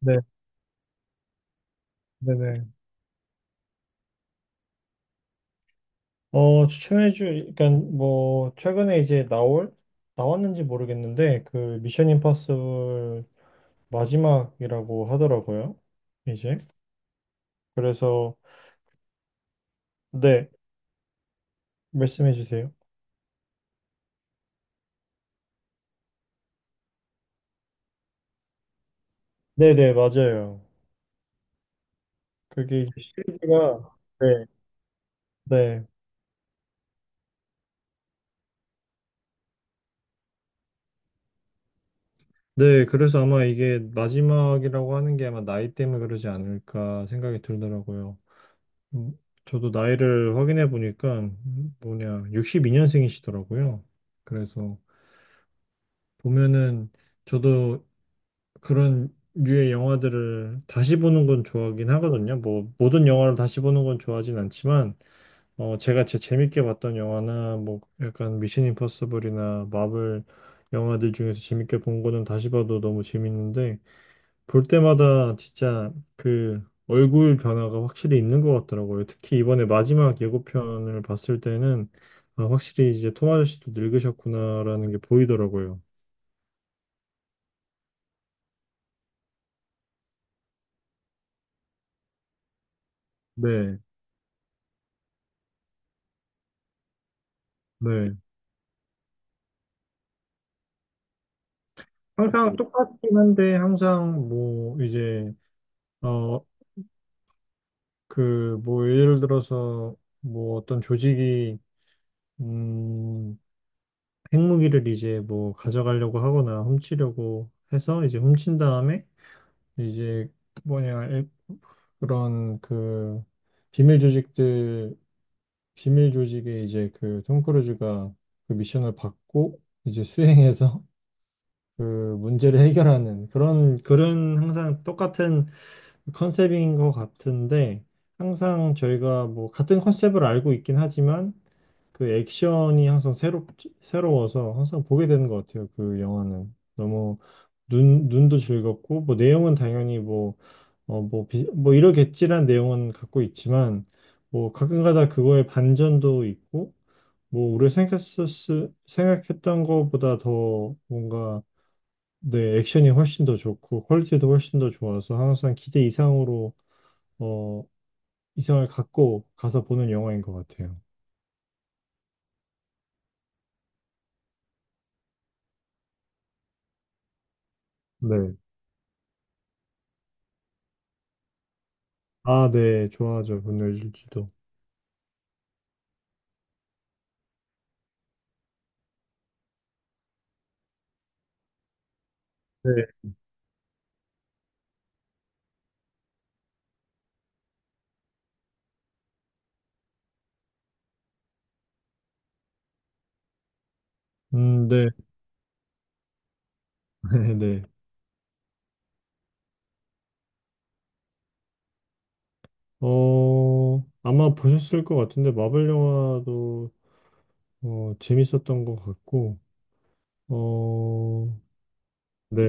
네, 네네. 어, 추천해주, 그러니까 뭐 최근에 이제 나올 나왔는지 모르겠는데 그 미션 임파서블 마지막이라고 하더라고요. 이제 그래서 네 말씀해 주세요. 네네 맞아요. 그게 이제 시리즈가 네, 네, 네. 그래서 아마 이게 마지막이라고 하는 게 아마 나이 때문에 그러지 않을까 생각이 들더라고요. 음, 저도 나이를 확인해 보니까 뭐냐 62년생이시더라고요. 그래서 보면은 저도 그런 류의 영화들을 다시 보는 건 좋아하긴 하거든요. 뭐 모든 영화를 다시 보는 건 좋아하진 않지만 제가 제 재밌게 봤던 영화나 뭐 약간 미션 임퍼서블이나 마블 영화들 중에서 재밌게 본 거는 다시 봐도 너무 재밌는데 볼 때마다 진짜 그 얼굴 변화가 확실히 있는 것 같더라고요. 특히 이번에 마지막 예고편을 봤을 때는 아, 확실히 이제 톰 아저씨도 늙으셨구나라는 게 보이더라고요. 네. 네. 항상 똑같긴 한데 항상 뭐 이제 어 그 뭐 예를 들어서 뭐 어떤 조직이 음 핵무기를 이제 뭐 가져가려고 하거나 훔치려고 해서 이제 훔친 다음에 이제 뭐냐 그런 비밀 조직들 비밀 조직에 이제 그 톰 크루즈가 그 미션을 받고 이제 수행해서 그 문제를 해결하는 그런 항상 똑같은 컨셉인 것 같은데 항상 저희가 뭐 같은 컨셉을 알고 있긴 하지만 그 액션이 항상 새롭 새로워서 항상 보게 되는 것 같아요. 그 영화는 너무 눈 눈도 즐겁고 뭐 내용은 당연히 뭐 뭐, 뭐, 이러겠지란 내용은 갖고 있지만, 뭐, 가끔가다 그거의 반전도 있고, 뭐, 생각했던 것보다 더 뭔가 네, 액션이 훨씬 더 좋고 퀄리티도 훨씬 더 좋아서 항상 기대 이상으로 어 이상을 갖고 가서 보는 영화인 것 같아요. 네. 아, 네, 좋아하죠. 분노의 질주도. 네. 네, 네, 네. 어 아마 보셨을 것 같은데 마블 영화도 재밌었던 것 같고 어 네,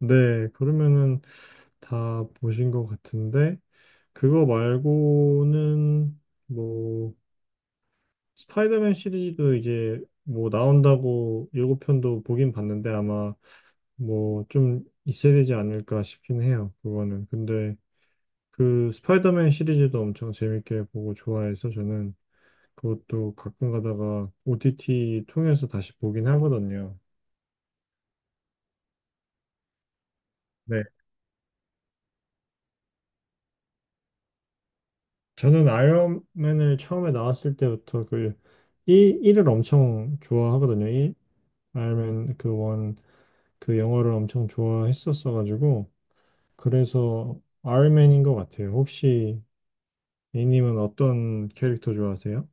네. 그러면은 다 보신 것 같은데 그거 말고는 뭐 스파이더맨 시리즈도 이제 뭐 나온다고 예고편도 보긴 봤는데 아마 뭐 좀 있어야 되지 않을까 싶긴 해요. 그거는. 근데 그 스파이더맨 시리즈도 엄청 재밌게 보고 좋아해서 저는 그것도 가끔 가다가 OTT 통해서 다시 보긴 하거든요. 네. 저는 아이언맨을 처음에 나왔을 때부터 그 1, 일을 엄청 좋아하거든요. 1, 아이언맨 그 원 그 영화를 엄청 좋아했었어가지고 그래서 아이언맨인 것 같아요. 혹시 A님은 어떤 캐릭터 좋아하세요?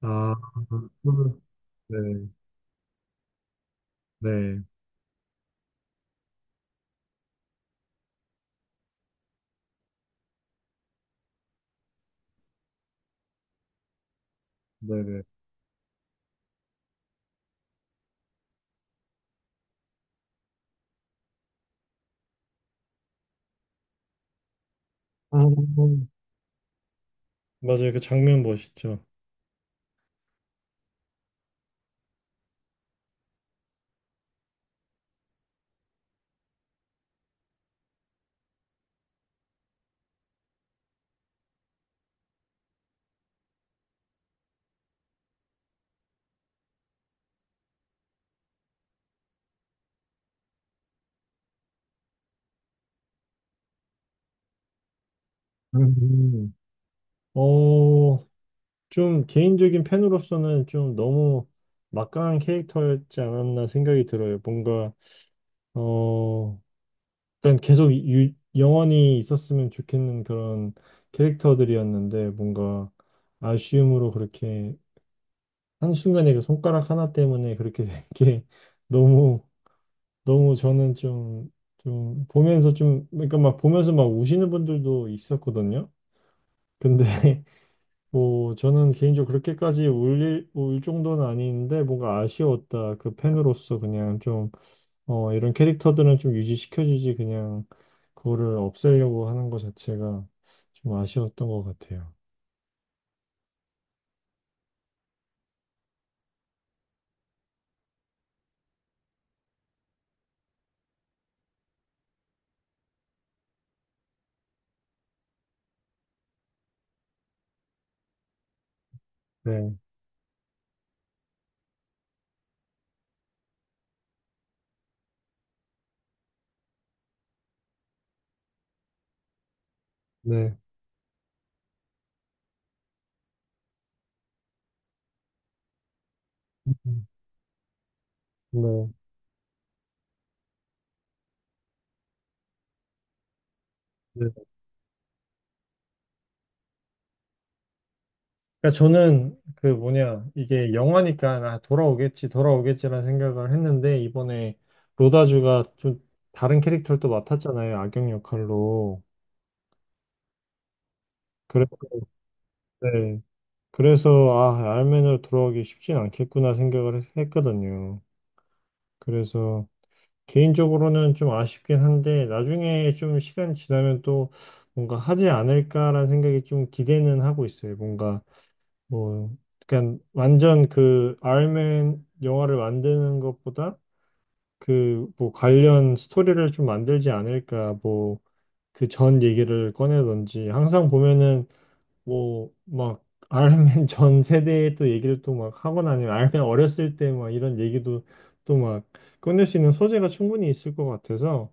아, 그- 네, 네, 네, 네. 아, 맞아요. 그 장면 멋있죠. 음. 어, 좀 개인적인 팬으로서는 좀 너무 막강한 캐릭터였지 않았나 생각이 들어요. 뭔가, 어, 일단 계속 영원히 있었으면 좋겠는 그런 캐릭터들이었는데, 뭔가 아쉬움으로 그렇게 한순간에 그 손가락 하나 때문에 그렇게 된 게 너무 너무 저는 좀 보면서 좀 그러니까 막 보면서 막 우시는 분들도 있었거든요. 근데 뭐 저는 개인적으로 그렇게까지 울릴 울 정도는 아닌데 뭔가 아쉬웠다. 그 팬으로서 그냥 좀 이런 캐릭터들은 좀 유지시켜주지 그냥 그거를 없애려고 하는 것 자체가 좀 아쉬웠던 것 같아요. 네, 네, 네, 네. 그러니까 저는 그 뭐냐 이게 영화니까 아, 돌아오겠지 돌아오겠지라는 생각을 했는데 이번에 로다주가 좀 다른 캐릭터를 또 맡았잖아요 악역 역할로. 그래서 네 그래서 아 알맨으로 돌아오기 쉽진 않겠구나 생각을 했거든요. 그래서 개인적으로는 좀 아쉽긴 한데 나중에 좀 시간이 지나면 또 뭔가 하지 않을까라는 생각이 좀 기대는 하고 있어요 뭔가. 뭐, 그러니까 완전 그 아이언맨 영화를 만드는 것보다 그 뭐 관련 스토리를 좀 만들지 않을까 뭐 그 전 얘기를 꺼내던지 항상 보면은 뭐 막 아이언맨 전 세대의 또 얘기를 또 막 하거나 아니면 아이언맨 어렸을 때 막 이런 얘기도 또 막 꺼낼 수 있는 소재가 충분히 있을 것 같아서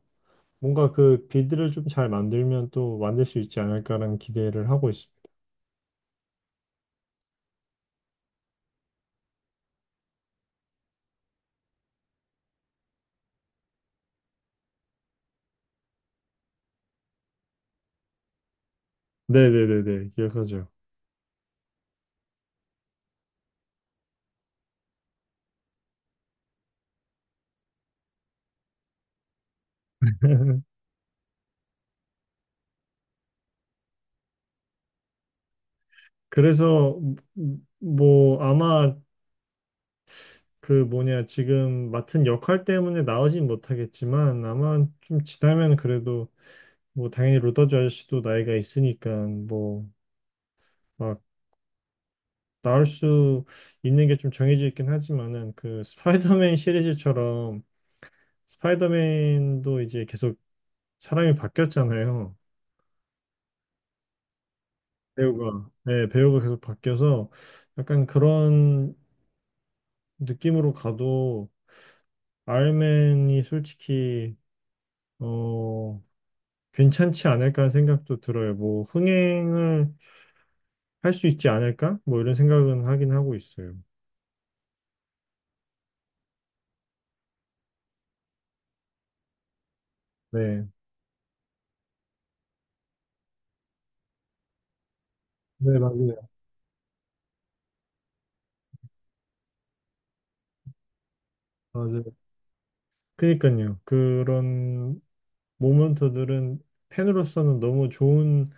뭔가 그 빌드를 좀 잘 만들면 또 만들 수 있지 않을까라는 기대를 하고 있습니다. 네네네네 기억하죠. 그래서 뭐 아마 그 뭐냐 지금 맡은 역할 때문에 나오진 못하겠지만 아마 좀 지나면 그래도 뭐 당연히 로더즈 아저씨도 나이가 있으니까 뭐 막 나올 수 있는 게 좀 정해져 있긴 하지만은 그 스파이더맨 시리즈처럼 스파이더맨도 이제 계속 사람이 바뀌었잖아요. 배우가. 네, 배우가 계속 바뀌어서 약간 그런 느낌으로 가도 아이언맨이 솔직히 어, 괜찮지 않을까 하는 생각도 들어요. 뭐, 흥행을 할 수 있지 않을까? 뭐, 이런 생각은 하긴 하고 있어요. 네. 네, 맞아요. 맞아요. 그니까요. 그런 모먼트들은 팬으로서는 너무 좋은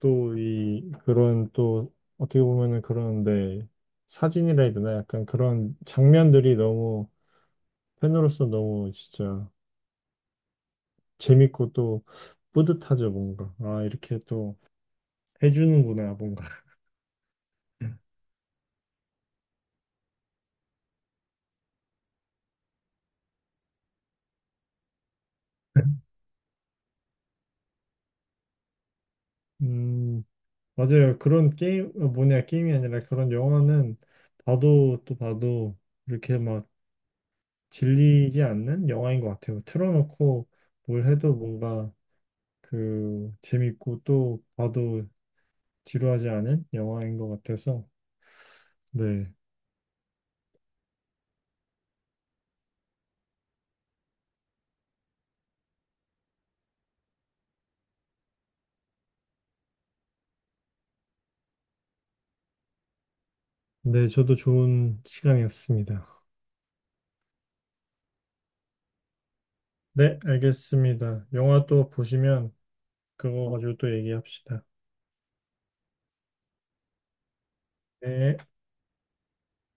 또 그런 또 어떻게 보면은 그런데 사진이라 해야 되나? 약간 그런 장면들이 너무 팬으로서 너무 진짜 재밌고 또 뿌듯하죠, 뭔가. 아, 이렇게 또 해주는구나, 뭔가. 음, 맞아요. 그런 게임, 뭐냐, 게임이 아니라 그런 영화는 봐도 또 봐도 이렇게 막 질리지 않는 영화인 것 같아요. 틀어놓고 뭘 해도 뭔가 그 재밌고 또 봐도 지루하지 않은 영화인 것 같아서. 네. 네, 저도 좋은 시간이었습니다. 네, 알겠습니다. 영화 또 보시면 그거 가지고 또 얘기합시다. 네.